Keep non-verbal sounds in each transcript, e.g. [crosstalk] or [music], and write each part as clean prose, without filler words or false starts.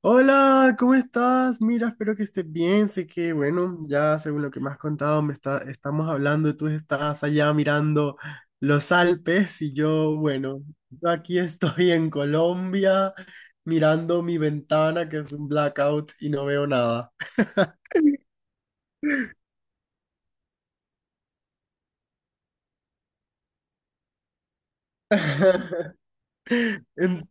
Hola, ¿cómo estás? Mira, espero que estés bien. Sé que, bueno, ya según lo que me has contado, estamos hablando y tú estás allá mirando los Alpes y yo, bueno, yo aquí [laughs] estoy en Colombia mirando mi ventana que es un blackout y no veo nada. [laughs] En-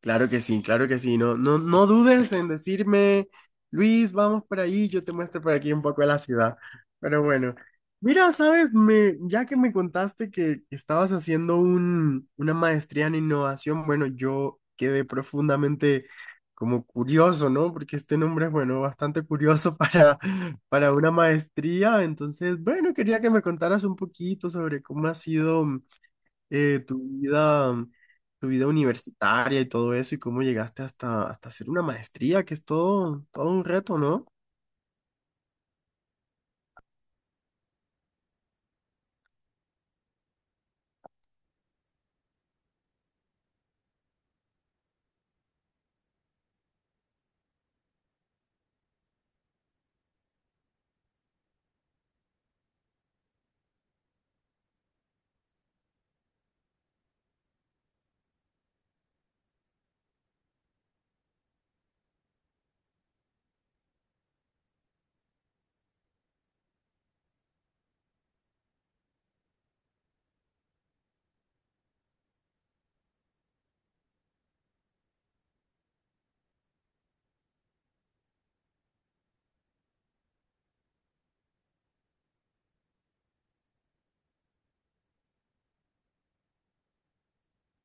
Claro que sí, claro que sí. No dudes en decirme, Luis, vamos por ahí, yo te muestro por aquí un poco de la ciudad. Pero bueno, mira, sabes, ya que me contaste que estabas haciendo una maestría en innovación, bueno, yo quedé profundamente como curioso, ¿no? Porque este nombre es, bueno, bastante curioso [laughs] para una maestría. Entonces, bueno, quería que me contaras un poquito sobre cómo ha sido eh, tu vida, tu vida universitaria y todo eso, y cómo llegaste hasta hacer una maestría, que es todo, todo un reto, ¿no?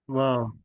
Wow.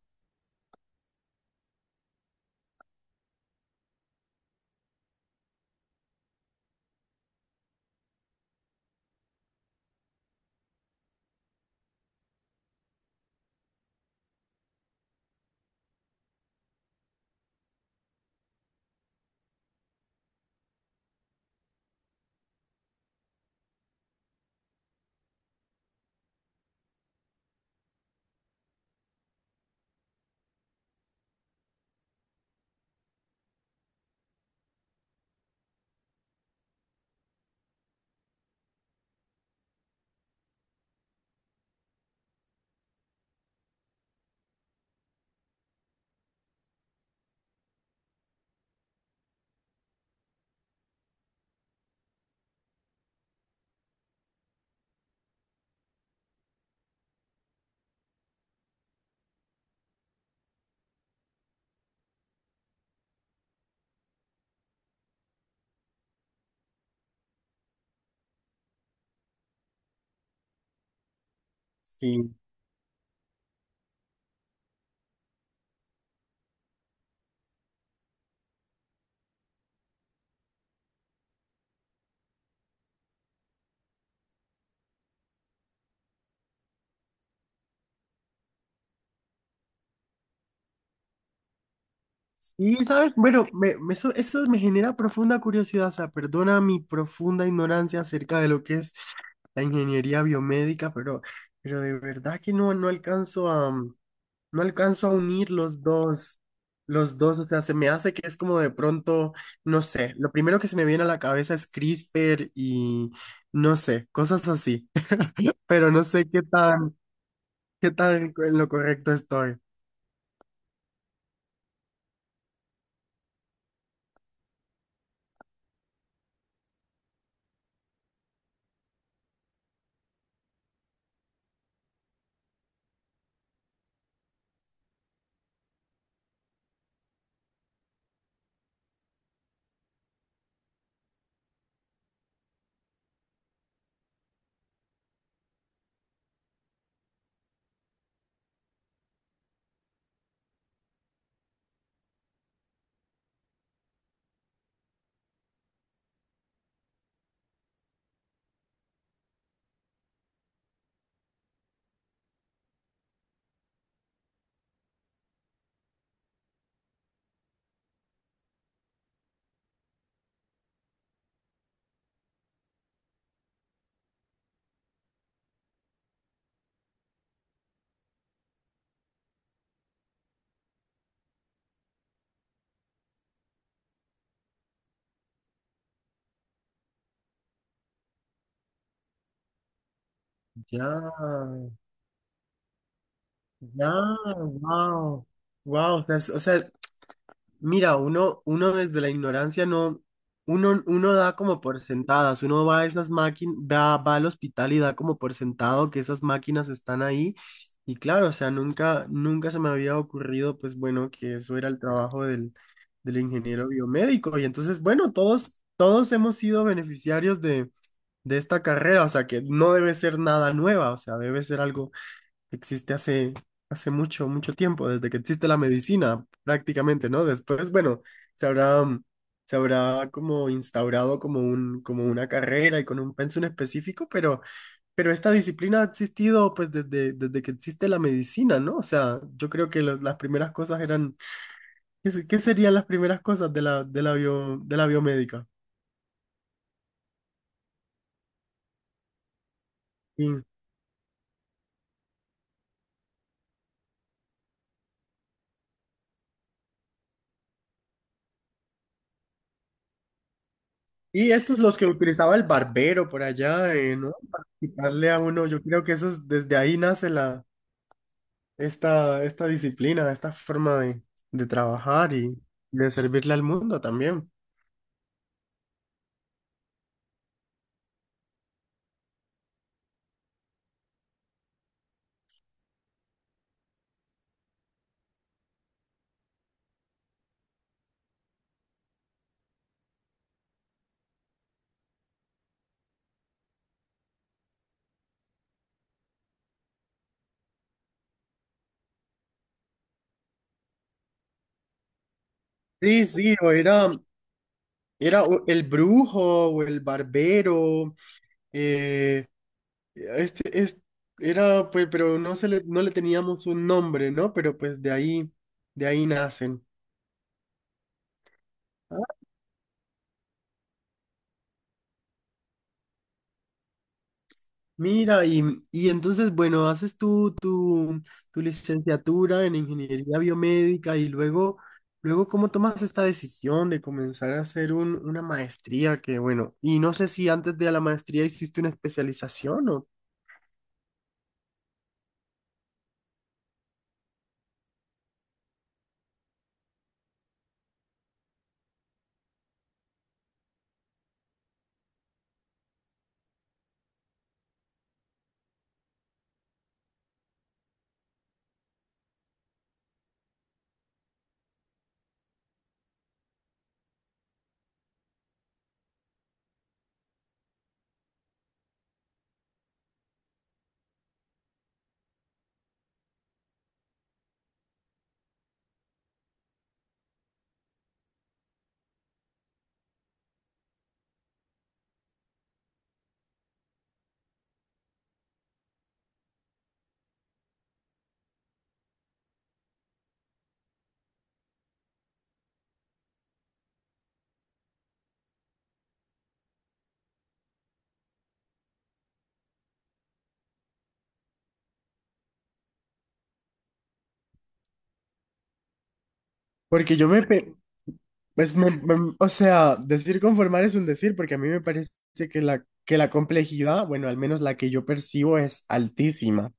Sí. Sí, ¿sabes? Bueno, eso, eso me genera profunda curiosidad, o sea, perdona mi profunda ignorancia acerca de lo que es la ingeniería biomédica, pero de verdad que no, no alcanzo a unir los dos. Los dos, o sea, se me hace que es como de pronto, no sé, lo primero que se me viene a la cabeza es CRISPR y no sé, cosas así, [laughs] pero no sé qué tan en lo correcto estoy. Ya, ya, wow, wow, o sea, o sea, mira, uno desde la ignorancia no, uno da como por sentadas, uno va a esas máquinas, va al hospital y da como por sentado que esas máquinas están ahí. Y claro, o sea, nunca, nunca se me había ocurrido, pues bueno, que eso era el trabajo del ingeniero biomédico. Y entonces, bueno, todos, todos hemos sido beneficiarios de esta carrera, o sea, que no debe ser nada nueva, o sea, debe ser algo existe hace, hace mucho, mucho tiempo, desde que existe la medicina, prácticamente, ¿no? Después, bueno, se habrá, mm, se habrá como instaurado como un, como una carrera y con un pensum específico, pero esta disciplina ha existido pues desde, desde que existe la medicina, ¿no? O sea, yo creo que las primeras cosas eran, ¿qué, qué serían las primeras cosas de la, de la de la biomédica? Y, y estos los que utilizaba el barbero por allá, ¿no? Para quitarle a uno, yo creo que eso es, desde ahí nace esta, esta disciplina, esta forma de trabajar y de servirle al mundo también. Sí, sí, o era, era o el brujo o el barbero, eh, este, era, pues, pero no se le, no le teníamos un nombre, ¿no? Pero pues de ahí nacen. Mira, y entonces, bueno, haces tú tu, tu licenciatura en ingeniería biomédica y luego, luego, ¿cómo tomas esta decisión de comenzar a hacer un, una maestría? Que bueno, y no sé si antes de la maestría hiciste una especialización o... Porque pues o sea, decir conformar es un decir, porque a mí me parece que la complejidad, bueno, al menos la que yo percibo es altísima.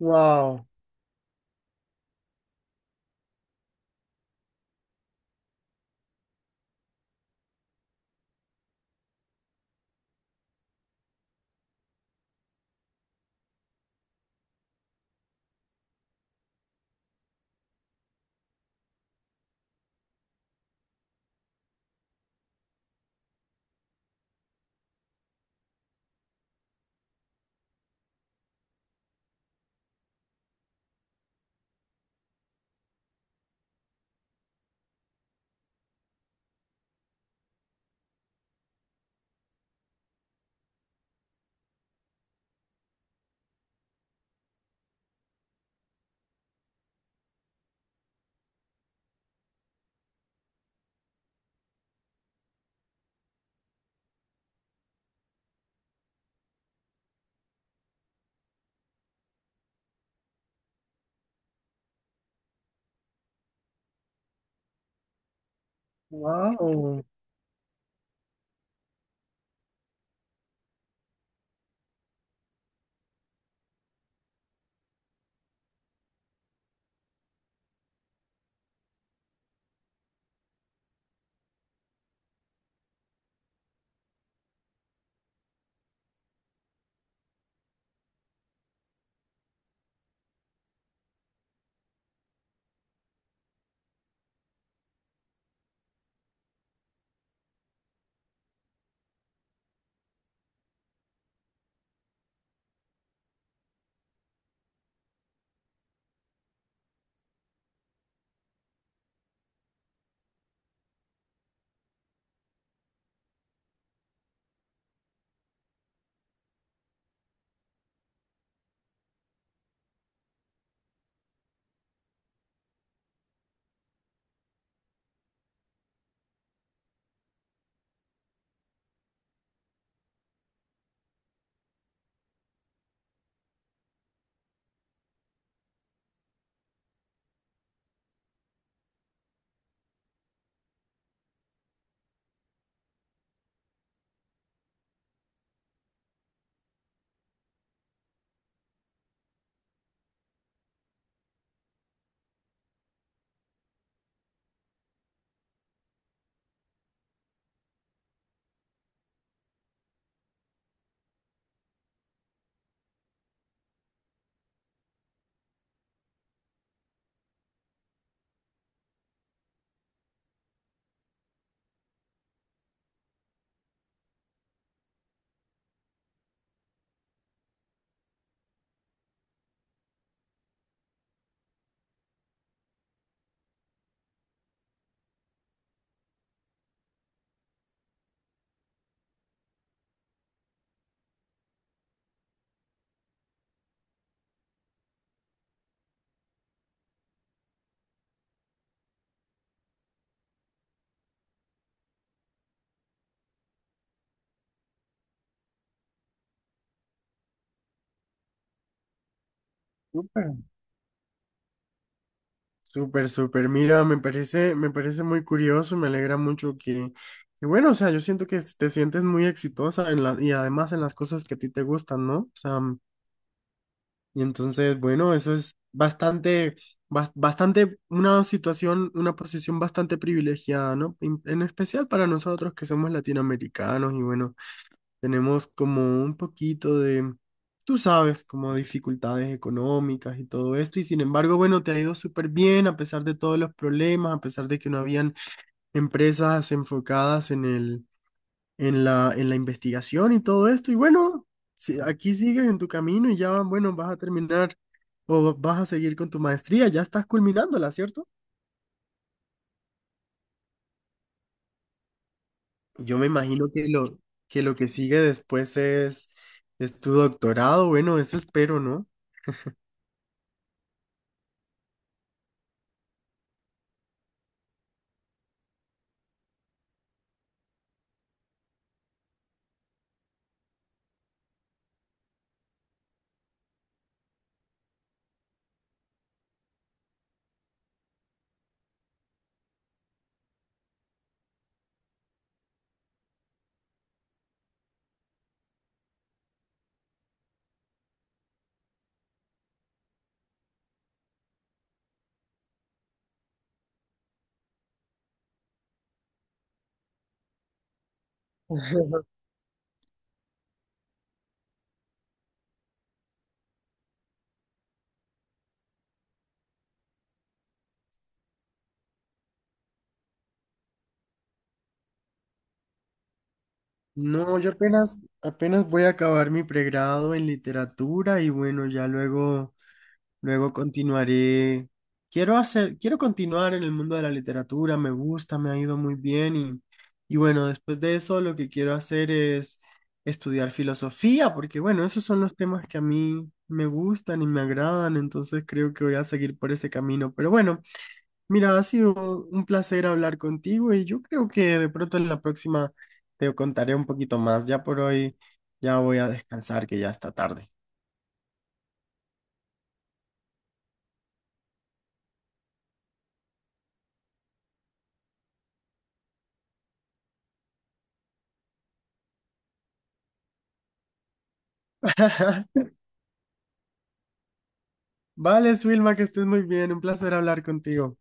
Wow, wow, súper, súper. Mira, me parece muy curioso, me alegra mucho que, bueno, o sea, yo siento que te sientes muy exitosa en la, y además en las cosas que a ti te gustan, ¿no? O sea, y entonces, bueno, eso es bastante, bastante, una situación, una posición bastante privilegiada, ¿no? En especial para nosotros que somos latinoamericanos y bueno. Tenemos como un poquito de, tú sabes, como dificultades económicas y todo esto. Y sin embargo, bueno, te ha ido súper bien a pesar de todos los problemas, a pesar de que no habían empresas enfocadas en el, en la investigación y todo esto. Y bueno, aquí sigues en tu camino y ya, bueno, vas a terminar o vas a seguir con tu maestría. Ya estás culminándola, ¿cierto? Yo me imagino que lo que sigue después es tu doctorado. Bueno, eso espero, ¿no? No, yo apenas, apenas voy a acabar mi pregrado en literatura y bueno, ya luego, luego continuaré. Quiero hacer, quiero continuar en el mundo de la literatura, me gusta, me ha ido muy bien y bueno, después de eso lo que quiero hacer es estudiar filosofía, porque bueno, esos son los temas que a mí me gustan y me agradan, entonces creo que voy a seguir por ese camino. Pero bueno. Mira, ha sido un placer hablar contigo y yo creo que de pronto en la próxima te contaré un poquito más. Ya por hoy ya voy a descansar que ya está tarde. [laughs] Vale, Swilma, que estés muy bien. Un placer hablar contigo.